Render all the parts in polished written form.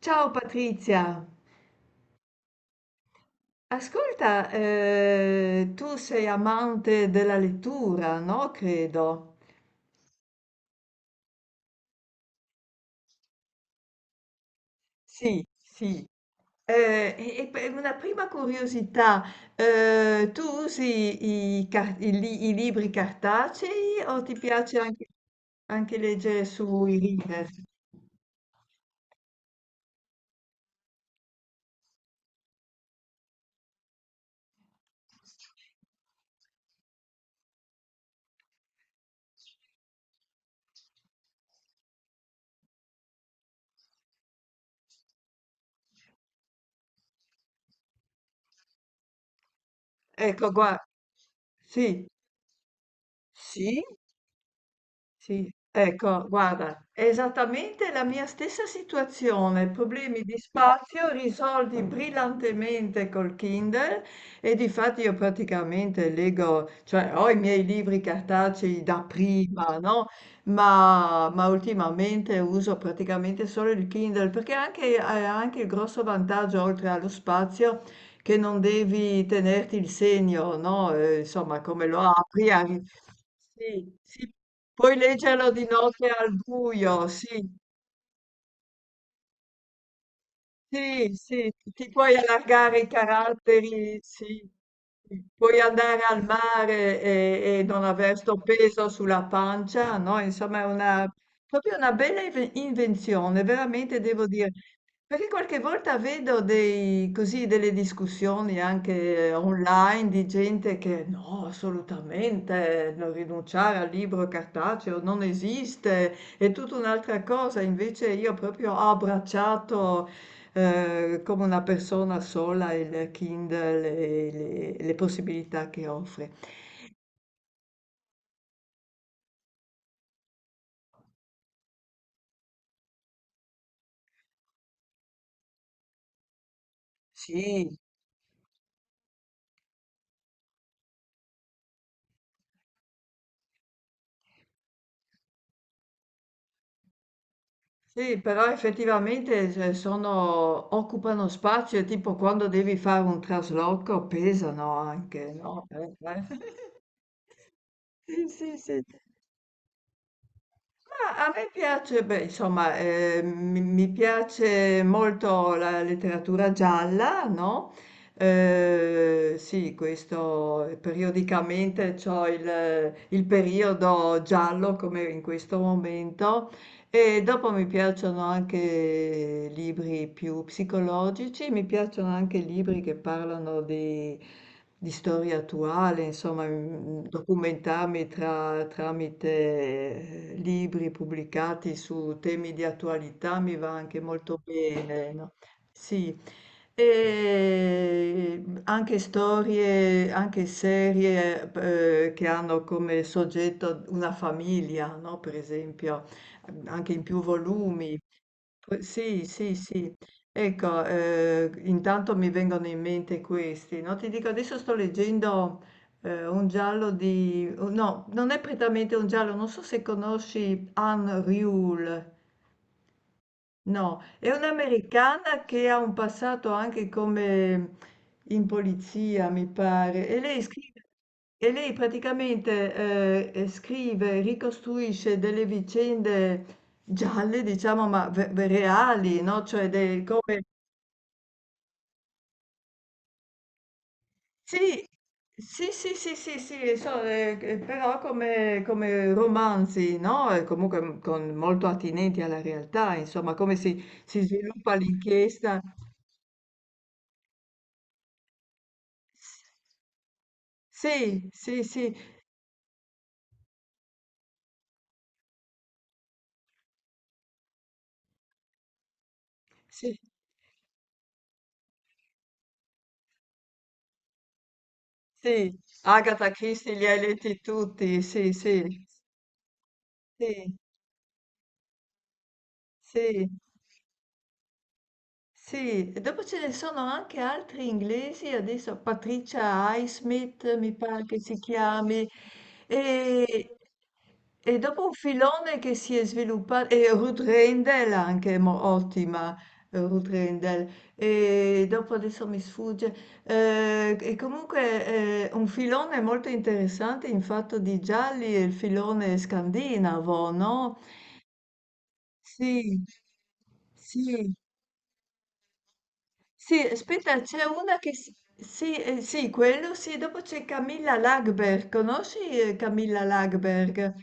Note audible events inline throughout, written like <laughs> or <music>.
Ciao Patrizia, ascolta, tu sei amante della lettura, no? Credo. Sì, sì. E per una prima curiosità, tu usi i libri cartacei o ti piace anche, anche leggere sui reader? Ecco, guarda, sì, sì, sì, ecco, guarda, è esattamente la mia stessa situazione, problemi di spazio risolti brillantemente col Kindle. E difatti io praticamente leggo, cioè ho i miei libri cartacei da prima, no? Ma ultimamente uso praticamente solo il Kindle perché anche, ha anche il grosso vantaggio, oltre allo spazio, che non devi tenerti il segno, no? Insomma, come lo apri, sì, sì, puoi leggerlo di notte al buio, sì. Sì, sì, ti puoi allargare i caratteri, sì. Puoi andare al mare e non aver sto peso sulla pancia, no? Insomma, è una, proprio una bella invenzione, veramente devo dire. Perché qualche volta vedo dei, così, delle discussioni anche online di gente che no, assolutamente, non rinunciare al libro cartaceo non esiste, è tutta un'altra cosa. Invece io proprio ho abbracciato, come una persona sola, il Kindle e le possibilità che offre. Sì. Sì, però effettivamente se sono occupano spazio e tipo quando devi fare un trasloco pesano anche, no, <laughs> Sì, sì, sì. Ma a me piace, beh, insomma, mi piace molto la letteratura gialla, no? Sì, questo periodicamente c'ho il periodo giallo come in questo momento e dopo mi piacciono anche libri più psicologici, mi piacciono anche libri che parlano di storia attuale, insomma, documentarmi tramite libri pubblicati su temi di attualità mi va anche molto bene, no? Sì. E anche storie, anche serie che hanno come soggetto una famiglia, no? Per esempio anche in più volumi. Poi, sì, sì, sì. Ecco, intanto mi vengono in mente questi, no? Ti dico, adesso sto leggendo un giallo di... oh, no, non è prettamente un giallo, non so se conosci Anne Riul. No, è un'americana che ha un passato anche come in polizia, mi pare, e lei scrive, e lei praticamente scrive, ricostruisce delle vicende gialle, diciamo, ma reali, no? Cioè, dei, come... Sì, sì, sì, sì, sì, sì, so, però come, come romanzi, no? E comunque molto attinenti alla realtà, insomma, come si sviluppa l'inchiesta. Sì, sì, sì, sì, sì. Agatha Christie li hai letti tutti, sì, sì, sì, sì. Sì, e dopo ce ne sono anche altri inglesi, adesso Patricia Highsmith mi pare che si chiami, e, e dopo un filone che si è sviluppato, e Ruth Rendell anche, ottima. Ruth Rendell, e dopo adesso mi sfugge, e comunque un filone molto interessante in fatto di gialli è il filone scandinavo, no? Sì, sì. Sì, aspetta, c'è una che... Sì, sì, quello sì, dopo c'è Camilla Lagerberg, conosci Camilla Lagerberg?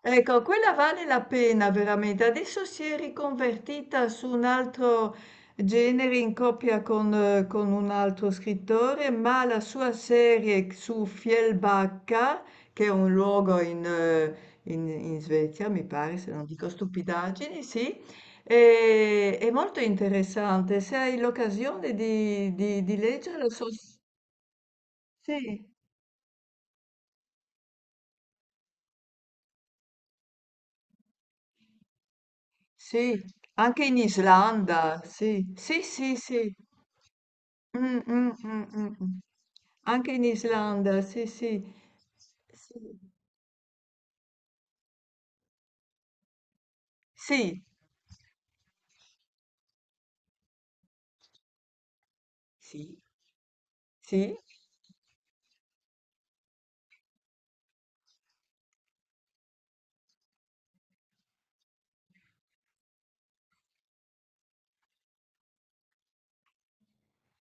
Ecco, quella vale la pena veramente. Adesso si è riconvertita su un altro genere in coppia con un altro scrittore, ma la sua serie su Fjällbacka, che è un luogo in, in Svezia, mi pare, se non dico stupidaggini, sì, è molto interessante. Se hai l'occasione di leggerlo, sì, sì, anche in Islanda, sì, sì, sì, sì. Mh, mh, mh, mh, mh. Anche in Islanda, sì, sì. Sì, sì, sì,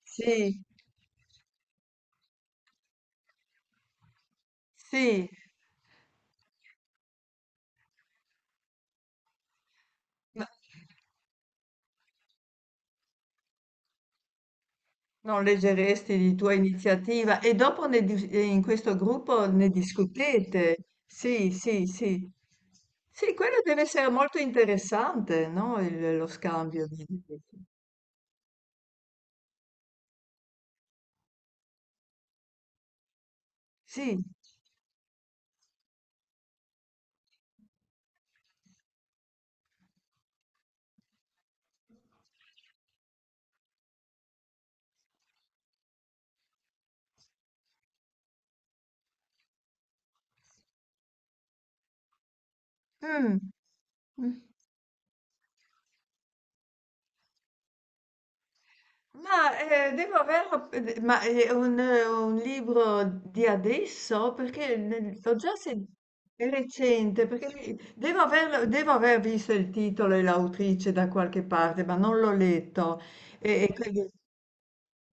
sì, sì, sì, ma non leggeresti di tua iniziativa e dopo ne dis in questo gruppo ne discutete. Sì, sì, sì. Sì, quello deve essere molto interessante, no, il lo scambio di sì, mh, mh. Ma devo averlo, ma è un libro di adesso? Perché l'ho già sentito, è recente, perché devo averlo, devo aver visto il titolo e l'autrice da qualche parte, ma non l'ho letto. E quindi,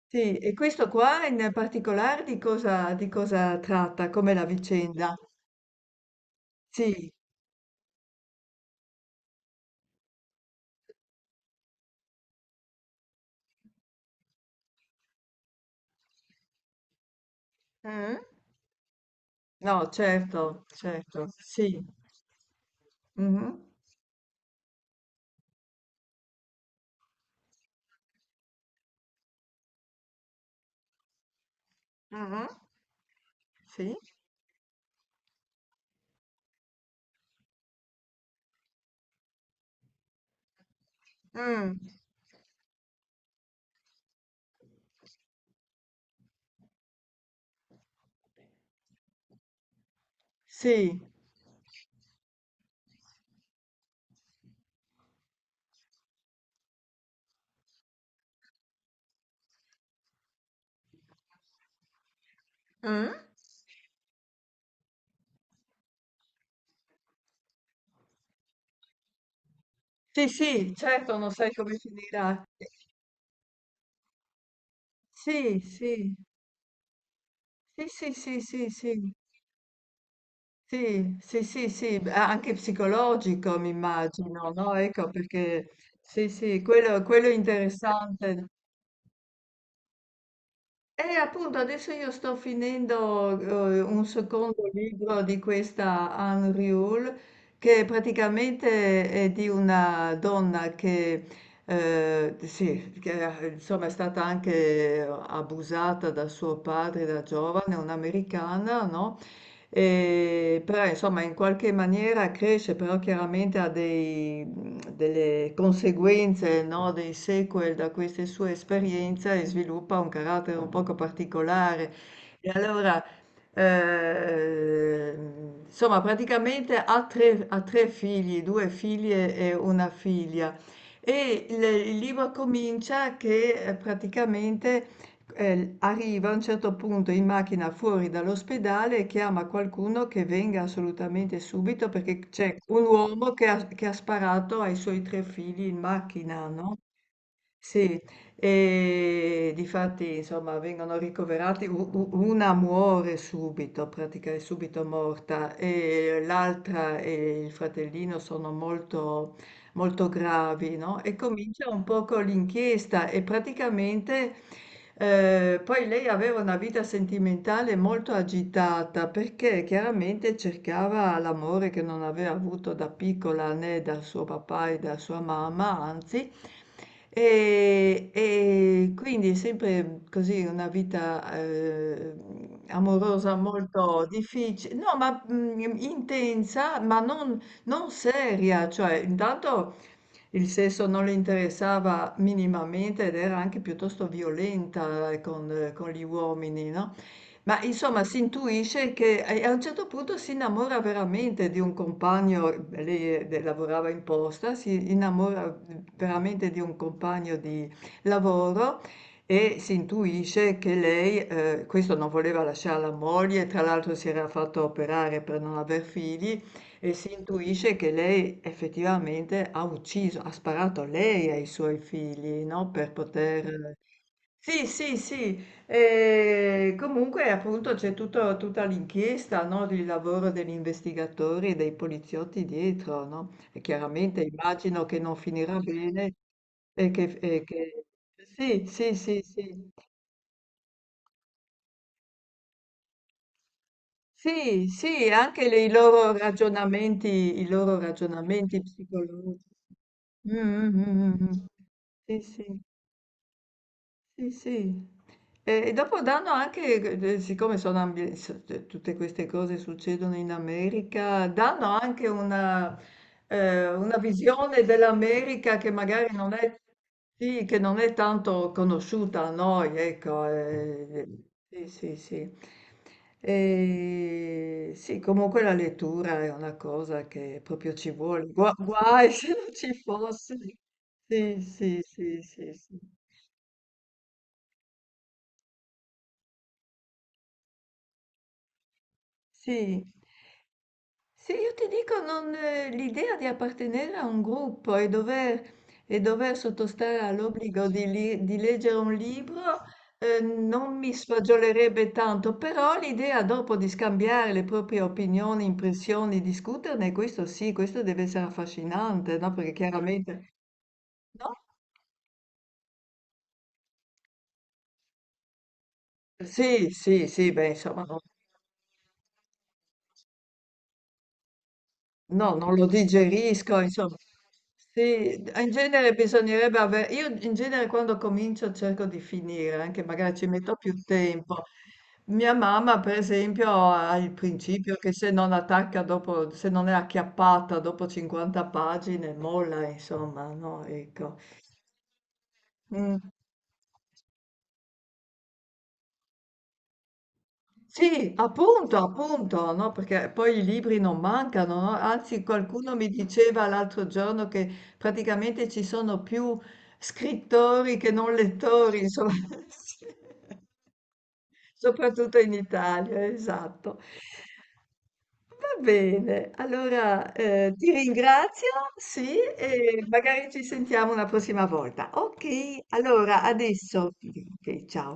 sì, e questo qua in particolare di cosa tratta, come la vicenda? Sì, mm? No, certo, certo, sì. Mhm. Mhm. Sì. Mm. Sì. Mh? Sì, sì, certo, non sai come finirà. Sì, sì, sì, sì, sì, sì, sì, sì, sì, sì, sì, beh, anche psicologico mi immagino, no? Ecco perché sì, sì, quello è interessante. E appunto adesso io sto finendo un secondo libro di questa Anne Riul che praticamente è di una donna che, sì, che insomma è stata anche abusata da suo padre da giovane, un'americana, no? E però insomma in qualche maniera cresce, però chiaramente ha dei, delle conseguenze, no, dei sequel da queste sue esperienze e sviluppa un carattere un poco particolare. E allora, insomma, praticamente ha tre figli, due figlie e una figlia. E il libro comincia che praticamente arriva a un certo punto in macchina fuori dall'ospedale e chiama qualcuno che venga assolutamente subito perché c'è un uomo che ha sparato ai suoi tre figli in macchina, no? Sì, e difatti, insomma, vengono ricoverati, una muore subito, pratica è subito morta, e l'altra e il fratellino sono molto molto gravi, no, e comincia un po' con l'inchiesta e praticamente, poi lei aveva una vita sentimentale molto agitata, perché chiaramente cercava l'amore che non aveva avuto da piccola né dal suo papà e da sua mamma, anzi, e quindi sempre così una vita, amorosa molto diffici no, ma, intensa, ma non non seria, cioè intanto il sesso non le interessava minimamente ed era anche piuttosto violenta con gli uomini, no? Ma insomma si intuisce che e a un certo punto si innamora veramente di un compagno, lei, de lavorava in posta, si innamora, veramente di un compagno di lavoro e si intuisce che lei questo non voleva lasciar la moglie, tra l'altro si era fatto operare per non aver figli e si intuisce che lei effettivamente ha ucciso, ha sparato lei ai suoi figli, no, per poter sì, sì, sì, e comunque appunto c'è tutta l'inchiesta, no, il lavoro degli investigatori e dei poliziotti dietro, no? E chiaramente immagino che non finirà bene e che, e che, sì, sì, sì, sì, sì, sì, anche le, i loro ragionamenti psicologici. Mm, mm, mm, mm, mm. Sì, sì. Sì, sì. E dopo danno anche, siccome sono tutte queste cose succedono in America, danno anche una visione dell'America che magari non è, sì, che non è tanto conosciuta a noi, ecco. Sì, sì, sì. E sì, comunque la lettura è una cosa che proprio ci vuole. Guai <laughs> se non ci fosse. Sì, sì, sì, sì, sì. Sì, sì, io ti dico, non, l'idea di appartenere a un gruppo e dover sottostare all'obbligo di, di leggere un libro, non mi sfagiolerebbe tanto, però l'idea dopo di scambiare le proprie opinioni, impressioni, discuterne, questo sì, questo deve essere affascinante, no? Perché chiaramente... No? Sì, sì, sì, beh, insomma, no, non lo digerisco, insomma. Sì, in genere bisognerebbe avere... Io in genere quando comincio cerco di finire, anche magari ci metto più tempo. Mia mamma, per esempio, ha il principio che se non attacca dopo, se non è acchiappata dopo 50 pagine, molla, insomma, no? Ecco. Mm. Sì, appunto, appunto, no? Perché poi i libri non mancano, no? Anzi, qualcuno mi diceva l'altro giorno che praticamente ci sono più scrittori che non lettori, insomma, <laughs> sì, soprattutto in Italia, esatto. Va bene, allora ti ringrazio, sì, e magari ci sentiamo una prossima volta. Ok, allora adesso, ok, ciao.